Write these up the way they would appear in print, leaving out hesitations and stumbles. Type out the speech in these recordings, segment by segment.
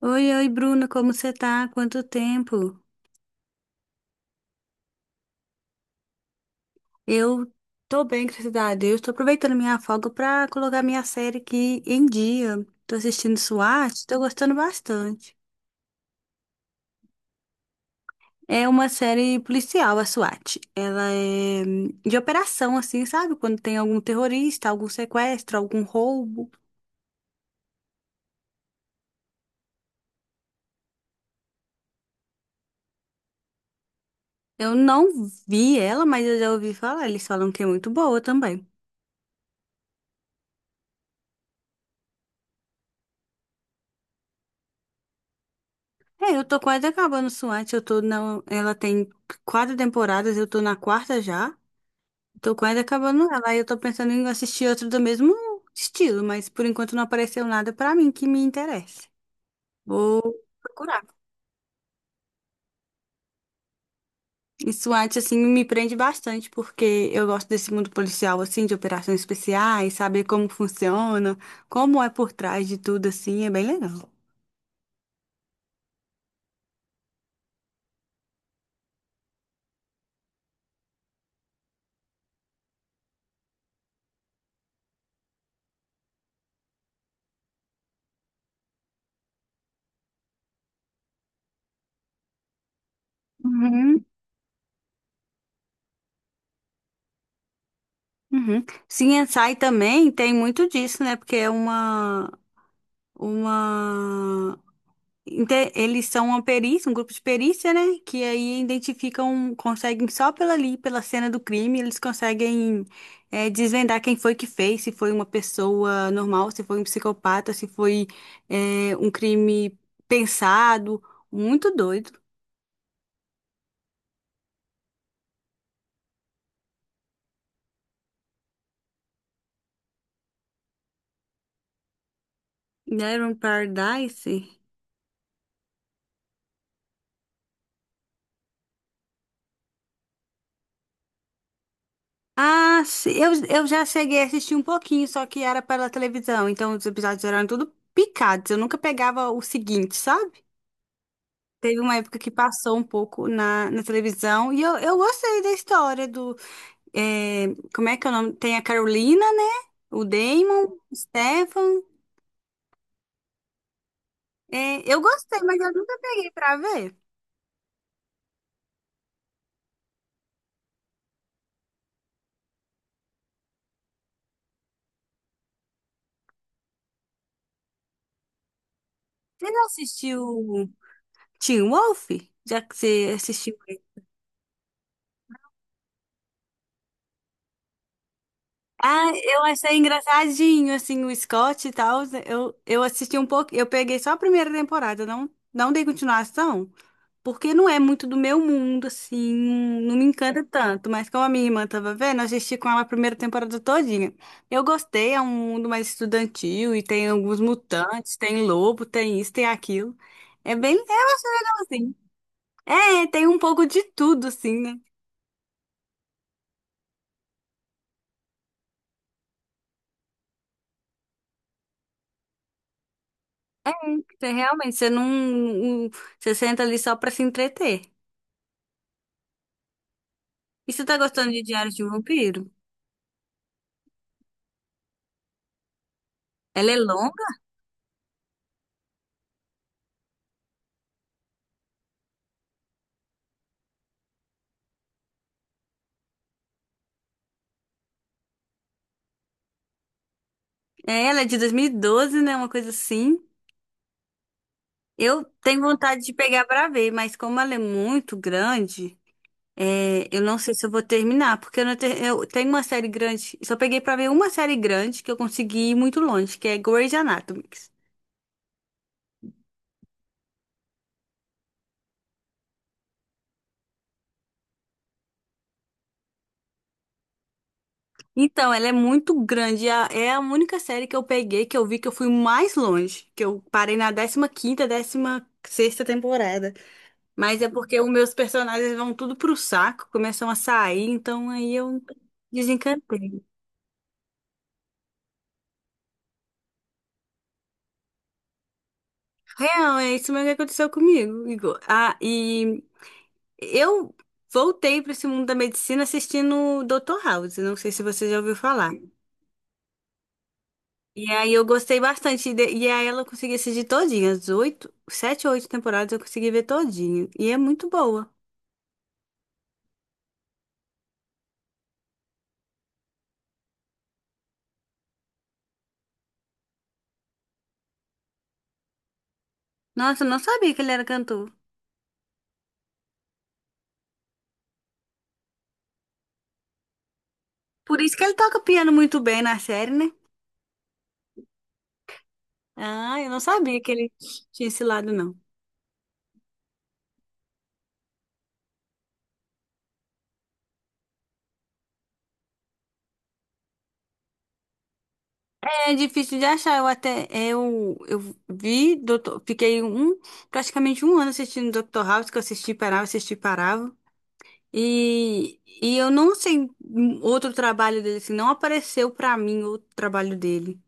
Oi, oi, Bruna, como você tá? Quanto tempo? Eu tô bem, graças a Deus. Tô aproveitando minha folga pra colocar minha série aqui em dia. Tô assistindo SWAT, tô gostando bastante. É uma série policial, a SWAT. Ela é de operação, assim, sabe? Quando tem algum terrorista, algum sequestro, algum roubo. Eu não vi ela, mas eu já ouvi falar. Eles falam que é muito boa também. É, eu tô quase acabando SWAT. Eu tô na. Ela tem quatro temporadas, eu tô na quarta já. Tô quase acabando ela. E eu tô pensando em assistir outro do mesmo estilo, mas por enquanto não apareceu nada pra mim que me interesse. Vou procurar. Isso antes, assim, me prende bastante, porque eu gosto desse mundo policial, assim, de operações especiais, saber como funciona, como é por trás de tudo, assim, é bem legal. Uhum, uhum. CSI também tem muito disso, né? Porque é uma eles são uma perícia, um grupo de perícia, né? Que aí identificam, conseguem só pela ali, pela cena do crime, eles conseguem desvendar quem foi que fez, se foi uma pessoa normal, se foi um psicopata, se foi um crime pensado. Muito doido. Never Paradise? Ah, eu já cheguei a assistir um pouquinho, só que era pela televisão, então os episódios eram tudo picados. Eu nunca pegava o seguinte, sabe? Teve uma época que passou um pouco na televisão e eu gostei da história do. é, como é que é o nome? Tem a Carolina, né? O Damon, o Stefan. É, eu gostei, mas eu nunca peguei pra ver. Você já assistiu Teen Wolf? Já que você assistiu ele? Ah, eu achei engraçadinho, assim, o Scott e tal. Eu assisti um pouco, eu peguei só a primeira temporada, não, não dei continuação. Porque não é muito do meu mundo, assim, não me encanta tanto, mas como a minha irmã tava vendo, eu assisti com ela a primeira temporada todinha. Eu gostei, é um mundo mais estudantil e tem alguns mutantes, tem lobo, tem isso, tem aquilo. É bem legal, assim. É, tem um pouco de tudo, assim, né? Você realmente, você não, não- você senta ali só pra se entreter. E você tá gostando de Diário de um Vampiro? Ela é longa? É, ela é de 2012, né? Uma coisa assim. Eu tenho vontade de pegar para ver, mas como ela é muito grande, eu não sei se eu vou terminar, porque eu, não te- eu tenho uma série grande, só peguei para ver uma série grande que eu consegui ir muito longe, que é Grey's Anatomy. Então, ela é muito grande, é a única série que eu peguei que eu vi que eu fui mais longe, que eu parei na 15ª, 16ª temporada. Mas é porque os meus personagens vão tudo pro saco, começam a sair, então aí eu desencantei. Real, é isso mesmo que aconteceu comigo, Igor. Ah, e eu voltei para esse mundo da medicina assistindo Dr. House, não sei se você já ouviu falar. E aí eu gostei bastante, e aí ela consegui assistir todinha, as oito, sete ou oito temporadas eu consegui ver todinha, e é muito boa. Nossa, eu não sabia que ele era cantor. Por isso que ele toca piano muito bem na série, né? Ah, eu não sabia que ele tinha esse lado, não. É difícil de achar. Eu até eu vi, doutor, fiquei um praticamente um ano assistindo Dr. House, que eu assisti, parava, assisti, parava. E eu não sei outro trabalho dele, assim, não apareceu pra mim outro trabalho dele.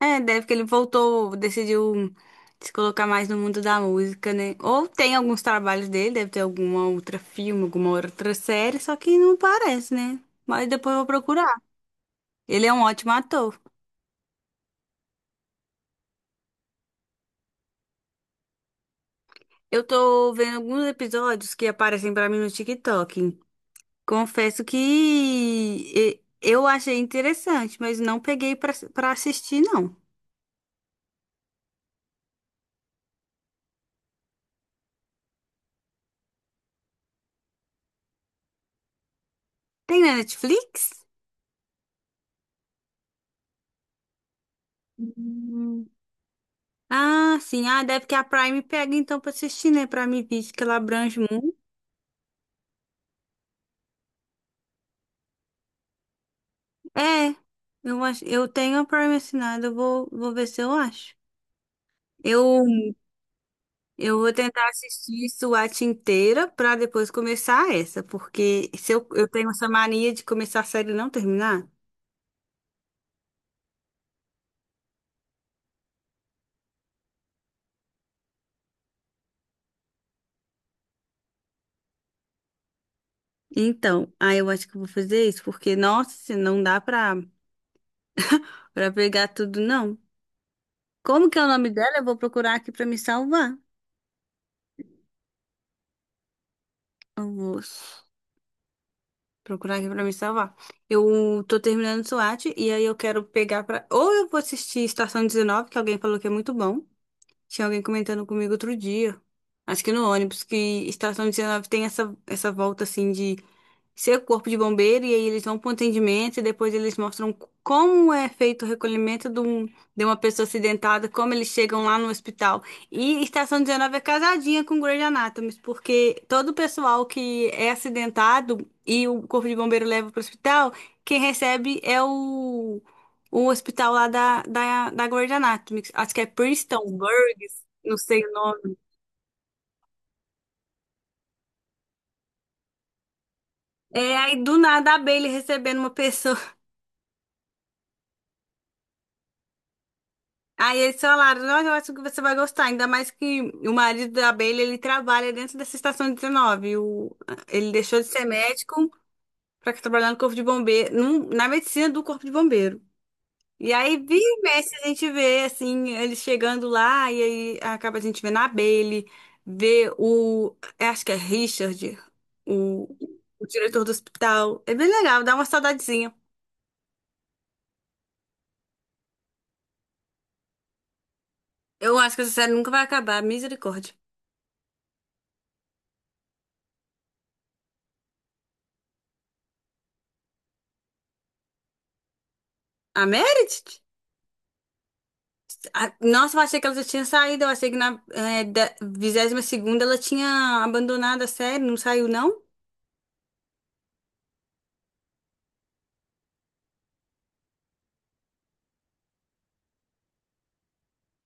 É, deve que ele voltou, decidiu se colocar mais no mundo da música, né? Ou tem alguns trabalhos dele, deve ter alguma outra filme, alguma outra série, só que não aparece, né? Mas depois eu vou procurar. Ele é um ótimo ator. Eu tô vendo alguns episódios que aparecem pra mim no TikTok. Confesso que eu achei interessante, mas não peguei pra assistir, não. Tem na Netflix? Hum, Ah, sim. Ah, deve que a Prime pega então pra assistir, né? Pra mim, visto que ela abrange muito. É, eu acho, eu tenho a Prime assinada, eu vou ver se eu acho. Eu vou tentar assistir SWAT inteira pra depois começar essa, porque se eu, eu tenho essa mania de começar a série e não terminar. Então, aí eu acho que eu vou fazer isso, porque, nossa, não dá pra pegar tudo, não. Como que é o nome dela? Eu vou procurar aqui pra me salvar. Eu vou s- procurar aqui pra me salvar. Eu tô terminando SWAT e aí eu quero pegar pra. Ou eu vou assistir Estação 19, que alguém falou que é muito bom. Tinha alguém comentando comigo outro dia, acho que no ônibus, que estação 19 tem essa volta assim de ser corpo de bombeiro e aí eles vão para o atendimento e depois eles mostram como é feito o recolhimento de uma pessoa acidentada, como eles chegam lá no hospital. E Estação 19 é casadinha com Grey's Anatomy, porque todo o pessoal que é acidentado e o corpo de bombeiro leva para o hospital, quem recebe é o hospital lá da Grey's Anatomy, acho que é Preston Burgess, não sei o nome. É, aí do nada a Bailey recebendo uma pessoa. Aí eles falaram, "Nossa, eu acho que você vai gostar, ainda mais que o marido da abelha, ele trabalha dentro dessa estação 19. O, ele deixou de ser médico para trabalhar no corpo de bombeiro, na medicina do corpo de bombeiro. E aí, vira e mexe, a gente vê, assim, eles chegando lá, e aí acaba a gente vendo a Bailey, vê o, acho que é Richard, o, o diretor do hospital. É bem legal, dá uma saudadezinha. Eu acho que essa série nunca vai acabar, misericórdia. A Meredith? Ah, nossa, eu achei que ela já tinha saído. Eu achei que na 22ª ela tinha abandonado a série. Não saiu, não?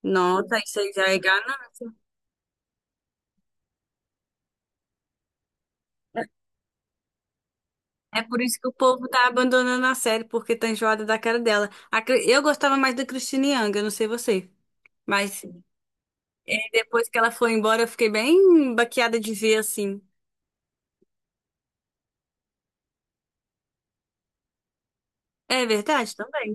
Nossa, isso aí já é ganância. É é, por isso que o povo tá abandonando a série, porque tá enjoada da cara dela. Eu gostava mais da Christine Yang, eu não sei você. Mas depois que ela foi embora, eu fiquei bem baqueada de ver assim. É verdade também.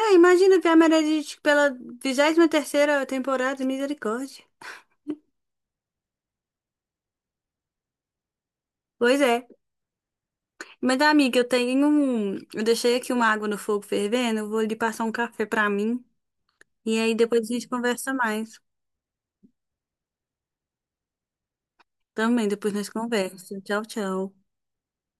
É, imagina ver a Meredith pela 23 terceira temporada, misericórdia. Pois é. Mas, amiga, eu tenho um. Eu deixei aqui uma água no fogo fervendo. Eu vou ali passar um café pra mim. E aí depois a gente conversa mais. Também, depois nós conversa. Tchau, tchau.